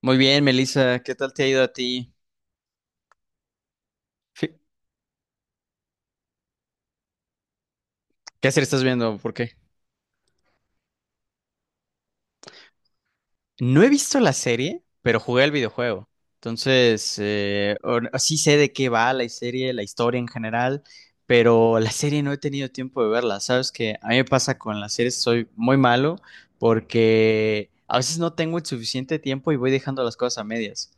Muy bien, Melissa, ¿qué tal te ha ido a ti? Fi- ¿Qué serie estás viendo? ¿Por qué? No he visto la serie, pero jugué el videojuego. Entonces, sí sé de qué va la serie, la historia en general, pero la serie no he tenido tiempo de verla. Sabes que a mí me pasa con las series, soy muy malo porque a veces no tengo el suficiente tiempo y voy dejando las cosas a medias.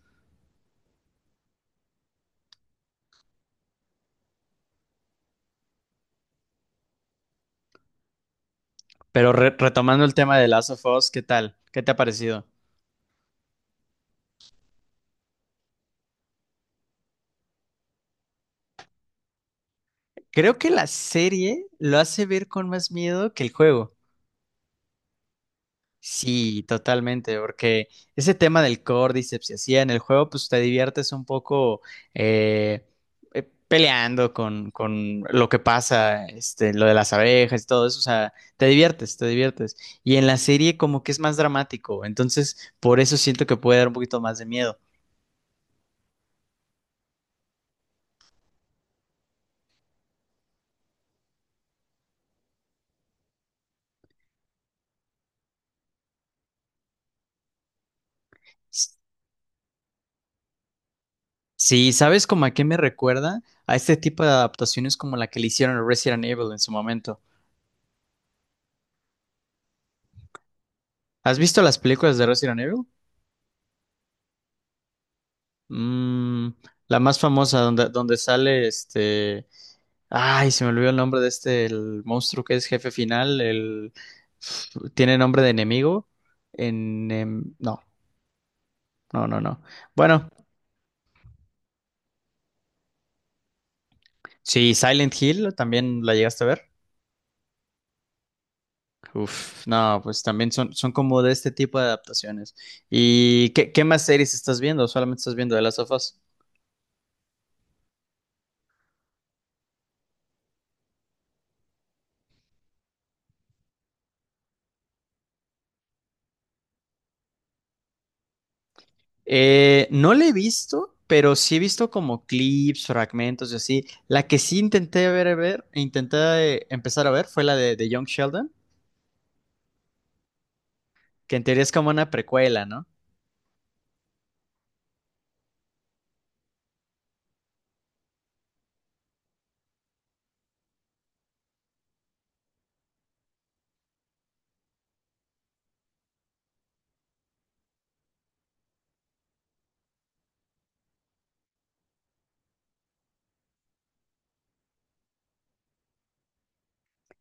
Pero retomando el tema de Last of Us, ¿qué tal? ¿Qué te ha parecido? Creo que la serie lo hace ver con más miedo que el juego. Sí, totalmente, porque ese tema del Cordyceps y así en el juego, pues te diviertes un poco eh, peleando con lo que pasa, este, lo de las abejas y todo eso, o sea, te diviertes, te diviertes. Y en la serie como que es más dramático, entonces por eso siento que puede dar un poquito más de miedo. S- Sí, ¿sabes como a qué me recuerda? A este tipo de adaptaciones como la que le hicieron a Resident Evil en su momento. ¿Has visto las películas de Resident Evil? Mm, la más famosa, donde sale este. Ay, se me olvidó el nombre de este, el monstruo que es jefe final. El. Tiene nombre de enemigo. En. No, no, no, no. Bueno, sí, Silent Hill también la llegaste a ver. Uf, no, pues también son, son como de este tipo de adaptaciones. ¿Y qué, qué más series estás viendo? ¿O solamente estás viendo The Last of Us? No la he visto, pero sí he visto como clips, fragmentos y así. La que sí intenté intenté empezar a ver fue la de Young Sheldon, que en teoría es como una precuela, ¿no?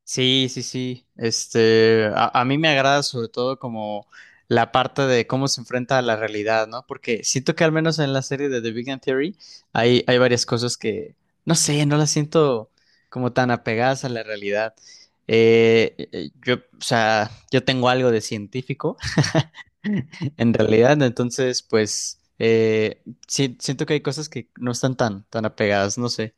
Sí, sí, sí. Este, a mí me agrada sobre todo como la parte de cómo se enfrenta a la realidad, ¿no? Porque siento que al menos en la serie de The Big Bang Theory hay varias cosas que, no sé, no las siento como tan apegadas a la realidad. Yo, o sea, yo tengo algo de científico, en realidad, entonces, pues, siento que hay cosas que no están tan apegadas, no sé.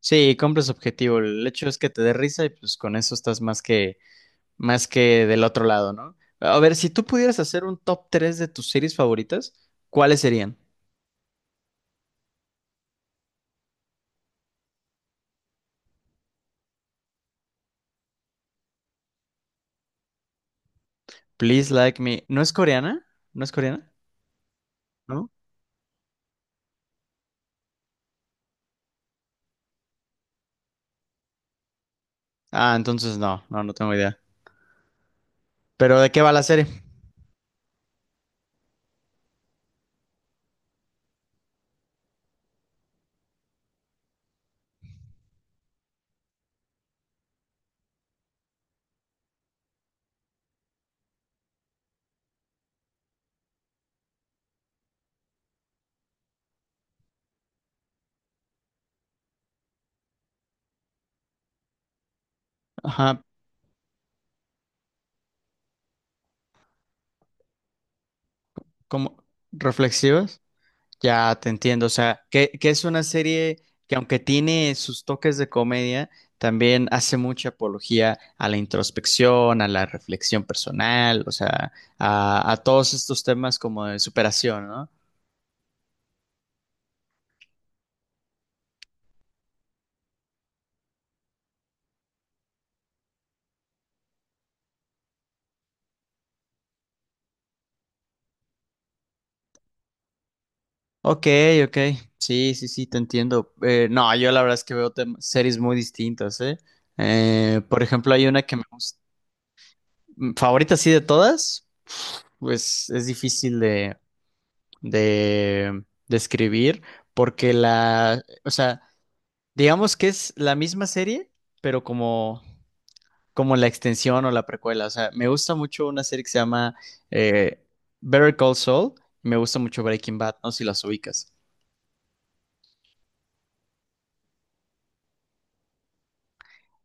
Sí, compras objetivo. El hecho es que te dé risa y pues con eso estás más que del otro lado, ¿no? A ver, si tú pudieras hacer un top 3 de tus series favoritas, ¿cuáles serían? Please Like Me. ¿No es coreana? ¿No es coreana? ¿No? Ah, entonces no, no, no tengo idea. ¿Pero de qué va la serie? Ajá, como ¿reflexivas? Ya te entiendo, o sea, que es una serie que aunque tiene sus toques de comedia, también hace mucha apología a la introspección, a la reflexión personal, o sea, a todos estos temas como de superación, ¿no? Ok, ok, sí, sí, sí, te entiendo. No, yo la verdad es que veo series muy distintas, ¿eh? Por ejemplo, hay una que me gusta, favorita así de todas, pues es difícil de escribir, porque la, o sea, digamos que es la misma serie, pero como la extensión o la precuela. O sea, me gusta mucho una serie que se llama eh, Better Call Saul, me gusta mucho Breaking Bad, no sé si las ubicas.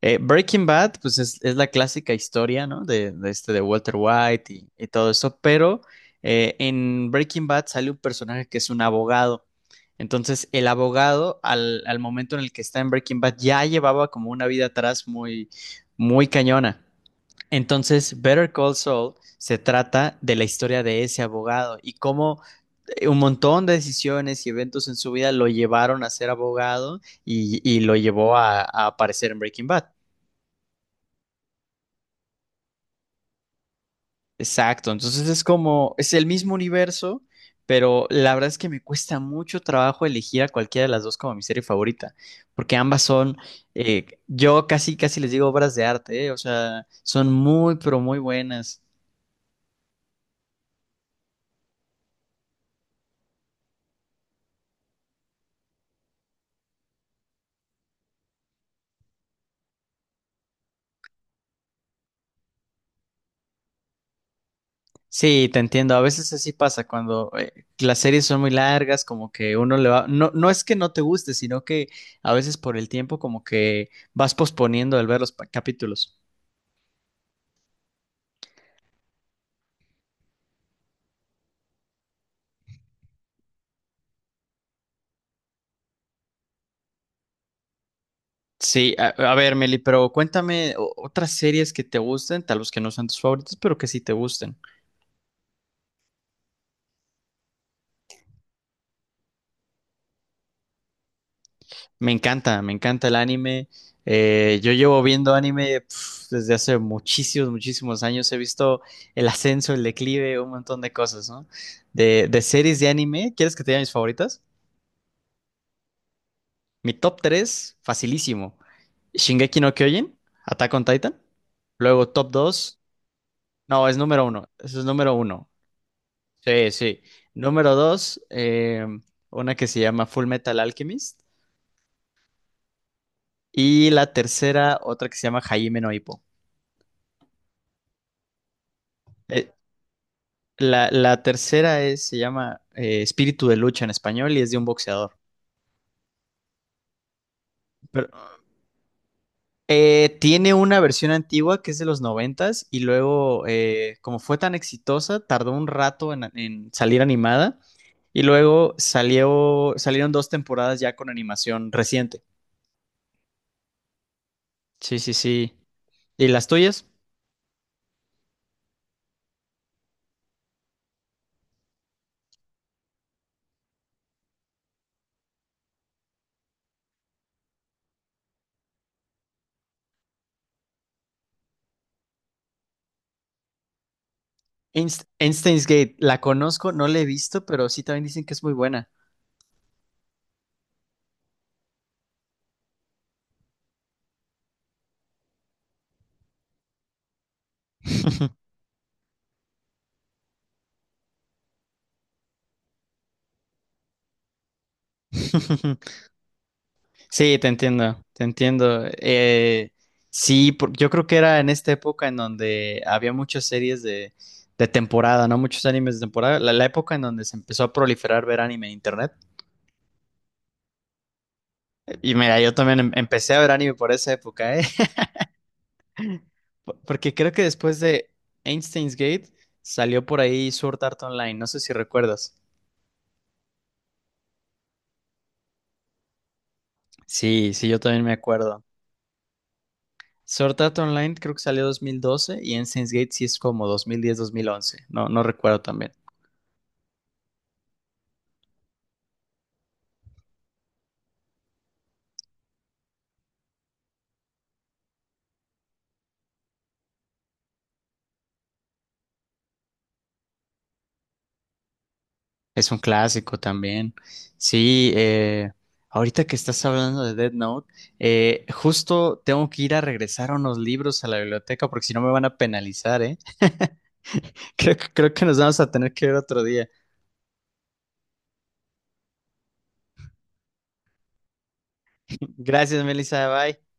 Breaking Bad, pues es la clásica historia, ¿no? De este de Walter White y todo eso, pero en Breaking Bad sale un personaje que es un abogado. Entonces, el abogado, al momento en el que está en Breaking Bad, ya llevaba como una vida atrás muy, muy cañona. Entonces, Better Call Saul se trata de la historia de ese abogado y cómo un montón de decisiones y eventos en su vida lo llevaron a ser abogado y lo llevó a aparecer en Breaking Bad. Exacto, entonces es como, es el mismo universo, pero la verdad es que me cuesta mucho trabajo elegir a cualquiera de las dos como mi serie favorita, porque ambas son, yo casi, casi les digo obras de arte, o sea, son muy, pero muy buenas. Sí, te entiendo, a veces así pasa cuando las series son muy largas, como que uno le va, no, no es que no te guste, sino que a veces por el tiempo como que vas posponiendo el ver los capítulos. Sí, a ver, Meli, pero cuéntame otras series que te gusten, tal vez que no sean tus favoritas, pero que sí te gusten. Me encanta el anime. Yo llevo viendo anime pf, desde hace muchísimos, muchísimos años. He visto el ascenso, el declive, un montón de cosas, ¿no? De series de anime, ¿quieres que te diga mis favoritas? Mi top 3, facilísimo. Shingeki no Kyojin, Attack on Titan. Luego top 2, no, es número uno. Eso es número uno. Sí, sí. Número dos, una que se llama Full Metal Alchemist. Y la tercera, otra que se llama Hajime no Ippo. Eh, la tercera se llama Espíritu de Lucha en español y es de un boxeador. Pero, tiene una versión antigua que es de los noventas y luego, como fue tan exitosa, tardó un rato en salir animada y luego salieron dos temporadas ya con animación reciente. Sí, sí, sí. ¿Y las tuyas? Einstein's Gate, la conozco, no la he visto, pero sí también dicen que es muy buena. Sí, te entiendo, te entiendo. Sí, yo creo que era en esta época en donde había muchas series de temporada, ¿no? Muchos animes de temporada. La época en donde se empezó a proliferar ver anime en internet. Y mira, yo también empecé a ver anime por esa época, ¿eh? Porque creo que después de Einstein's Gate salió por ahí Sword Art Online, no sé si recuerdas. Sí, sí, yo también me acuerdo. Sword Art Online creo que salió 2012 y Ensigns Gate sí es como 2010-2011. No, no recuerdo también. Es un clásico también. Sí, ahorita que estás hablando de Dead Note, justo tengo que ir a regresar unos libros a la biblioteca porque si no me van a penalizar, ¿eh? Creo que nos vamos a tener que ver otro día. Gracias, Melissa. Bye.